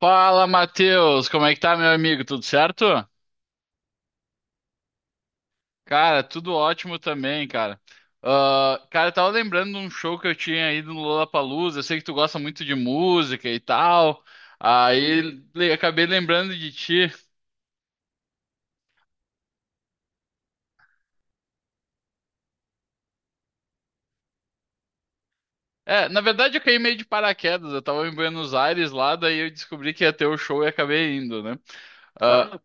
Fala, Matheus! Como é que tá, meu amigo? Tudo certo? Cara, tudo ótimo também, cara. Ah, cara, eu tava lembrando de um show que eu tinha ido no Lollapalooza. Eu sei que tu gosta muito de música e tal. Aí acabei lembrando de ti. É, na verdade eu caí meio de paraquedas. Eu tava em Buenos Aires lá, daí eu descobri que ia ter o show e acabei indo, né? Ah, ah,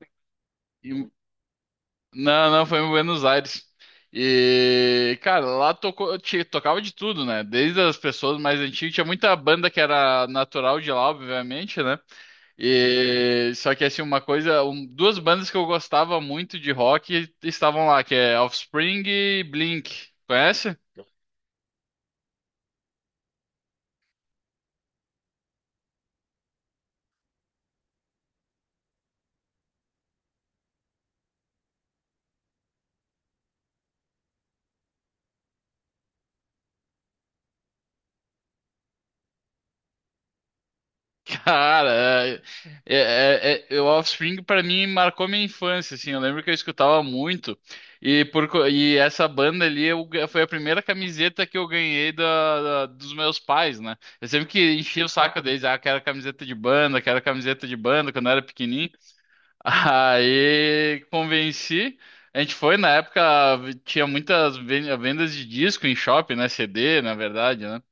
não, não, foi em Buenos Aires. E, cara, lá tocava de tudo, né? Desde as pessoas mais antigas, tinha muita banda que era natural de lá, obviamente, né? E só que assim, uma coisa, duas bandas que eu gostava muito de rock estavam lá, que é Offspring e Blink. Conhece? Cara, o Offspring pra mim marcou minha infância, assim, eu lembro que eu escutava muito, e, e essa banda ali foi a primeira camiseta que eu ganhei da, dos meus pais, né? Eu sempre que enchia o saco deles, quero camiseta de banda, quero camiseta de banda, quando eu era pequenininho, aí convenci, a gente foi, na época tinha muitas vendas de disco em shopping, né, CD, na verdade, né?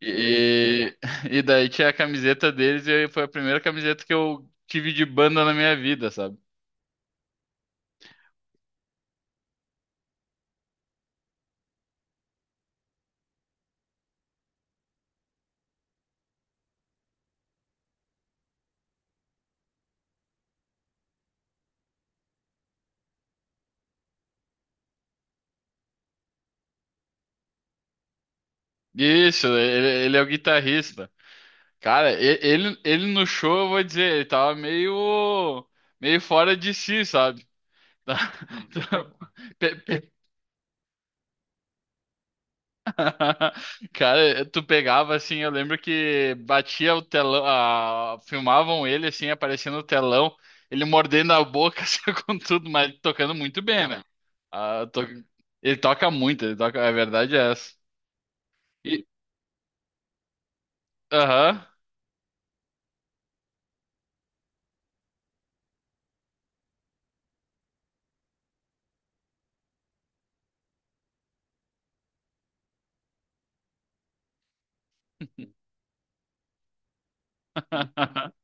E, e daí tinha a camiseta deles e foi a primeira camiseta que eu tive de banda na minha vida, sabe? Isso, ele é o guitarrista. Cara, ele no show, eu vou dizer, ele tava meio, meio fora de si, sabe? Tá- tá- pe- pe- Cara, tu pegava assim, eu lembro que batia o telão, filmavam ele assim, aparecendo no telão, ele mordendo a boca, assim, com tudo, mas tocando muito bem, né? Ah, to- Ele toca muito, ele toca, a verdade é essa. E... Aham.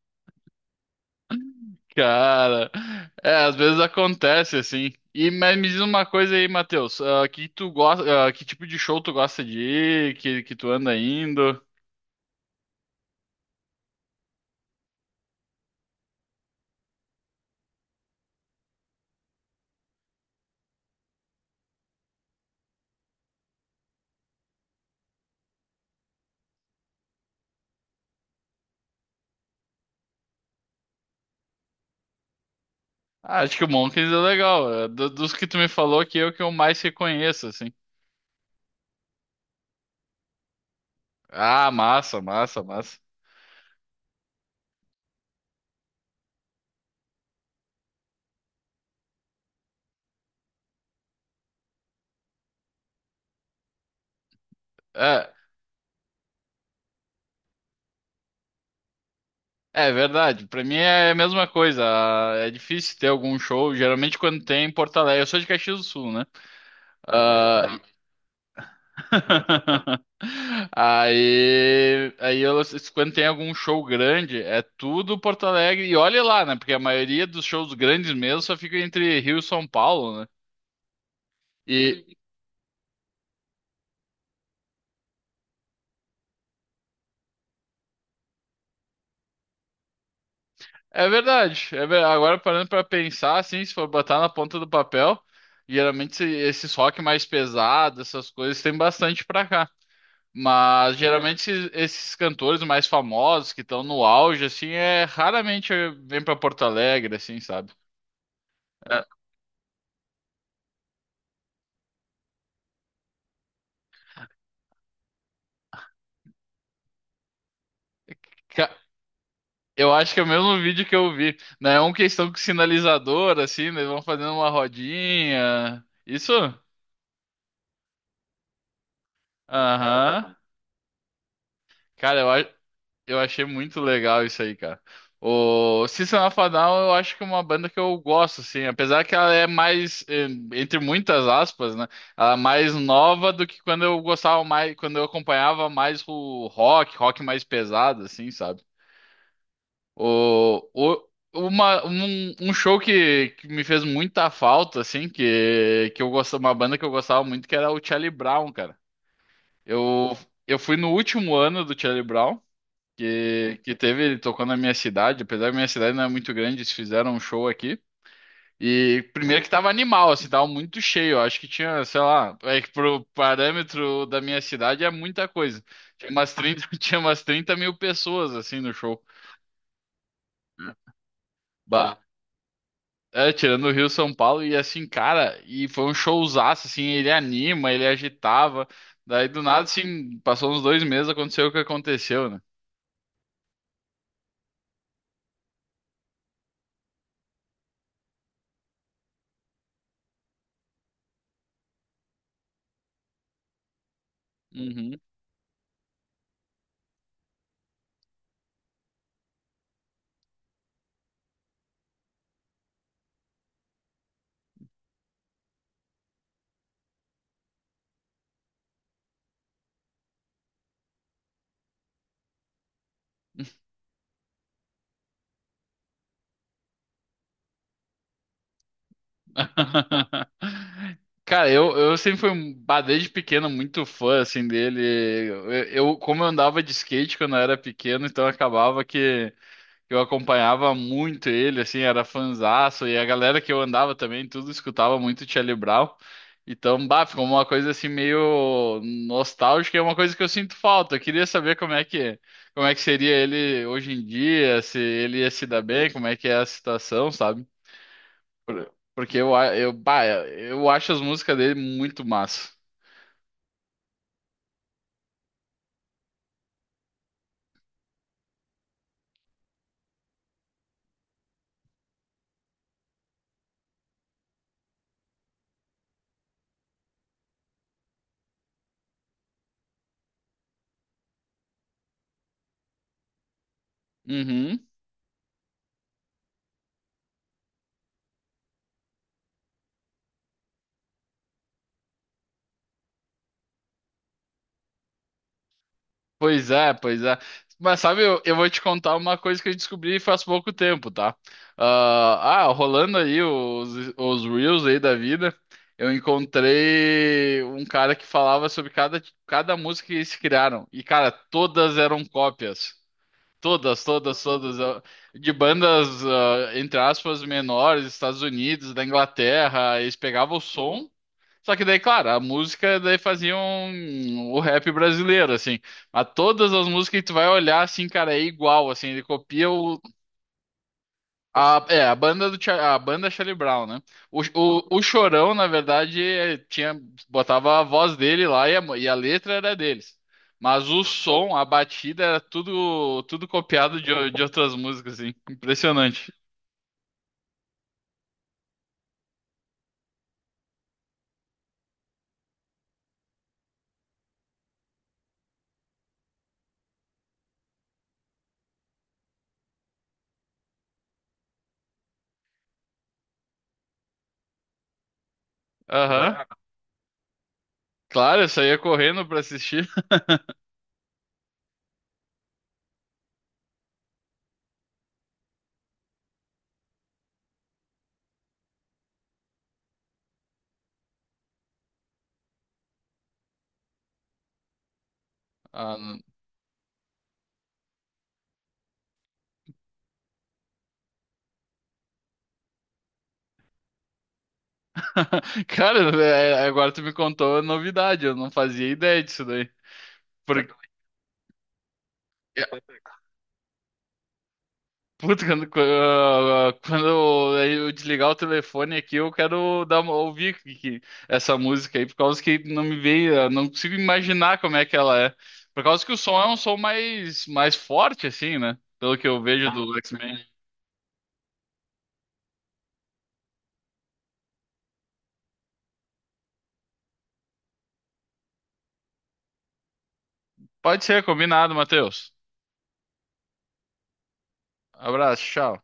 Cara, é, às vezes acontece assim. E mas me diz uma coisa aí, Matheus, que tu gosta, que tipo de show tu gosta de ir, que tu anda indo? Ah, acho que o Monkeys é legal. É, dos que tu me falou aqui é o que eu mais reconheço, assim. Ah, massa, massa, massa. É, é verdade. Pra mim é a mesma coisa. Ah, é difícil ter algum show. Geralmente quando tem em Porto Alegre. Eu sou de Caxias do Sul, né? Ah, Aí, quando tem algum show grande, é tudo Porto Alegre. E olha lá, né? Porque a maioria dos shows grandes mesmo só fica entre Rio e São Paulo, né? E, É verdade. Agora parando pra pensar, assim, se for botar na ponta do papel, geralmente esses rock mais pesados, essas coisas, tem bastante pra cá. Mas geralmente esses cantores mais famosos que estão no auge, assim, raramente vem pra Porto Alegre, assim, sabe? É, ca- eu acho que é o mesmo vídeo que eu vi, né? É uma questão com sinalizador, assim, né? Eles vão fazendo uma rodinha. Isso? Aham. Aham. Cara, eu acho. Eu achei muito legal isso aí, cara. O System of a Down, eu acho que é uma banda que eu gosto, assim, apesar que ela é mais, entre muitas aspas, né? Ela é mais nova do que quando eu gostava mais, quando eu acompanhava mais o rock mais pesado, assim, sabe? O, o, um show que me fez muita falta, assim, que eu gostava, uma banda que eu gostava muito, que era o Charlie Brown, cara. Eu, eu fui no último ano do Charlie Brown que teve, ele tocou na minha cidade, apesar que minha cidade não é muito grande, eles fizeram um show aqui. E primeiro que tava animal, assim, tava muito cheio. Eu acho que tinha, sei lá, é que pro parâmetro da minha cidade é muita coisa. Tinha umas 30.000 pessoas, assim, no show. Bah. É, tirando o Rio São Paulo, e assim, cara, e foi um showzaço, assim, ele anima, ele agitava. Daí do nada, assim, passou uns dois meses, aconteceu o que aconteceu, né? Uhum. Cara, eu sempre fui, bah, desde pequeno, muito fã, assim, dele. Eu, como eu andava de skate quando eu era pequeno, então acabava que eu acompanhava muito ele, assim, era fanzaço. E a galera que eu andava também, tudo escutava muito Charlie Brown. Então, bah, ficou uma coisa, assim, meio nostálgica. É uma coisa que eu sinto falta. Eu queria saber como é que seria ele hoje em dia, se ele ia se dar bem, como é que é a situação, sabe? Porque eu, bah, eu acho as músicas dele muito massa. Uhum. Pois é, pois é. Mas sabe, eu vou te contar uma coisa que eu descobri faz pouco tempo, tá? Rolando aí os Reels aí da vida, eu encontrei um cara que falava sobre cada música que eles criaram. E, cara, todas eram cópias. Todas, todas, todas. De bandas, entre aspas, menores, Estados Unidos, da Inglaterra. Eles pegavam o som. Só que daí, claro, a música daí fazia o rap brasileiro, assim. Mas todas as músicas que tu vai olhar, assim, cara, é igual, assim. A banda Charlie Brown, né? O Chorão, na verdade, botava a voz dele lá e a letra era deles. Mas o som, a batida, era tudo copiado de outras músicas, assim. Impressionante. Aham. Claro, eu saía correndo pra assistir. Ah, Cara, é, agora tu me contou a novidade, eu não fazia ideia disso daí. Porque, puta, quando, eu desligar o telefone aqui, eu quero dar ouvir essa música aí, por causa que não me veio, eu não consigo imaginar como é que ela é. Por causa que o som é um som mais, mais forte, assim, né? Pelo que eu vejo do X-Men. Pode ser, combinado, Matheus. Abraço, tchau.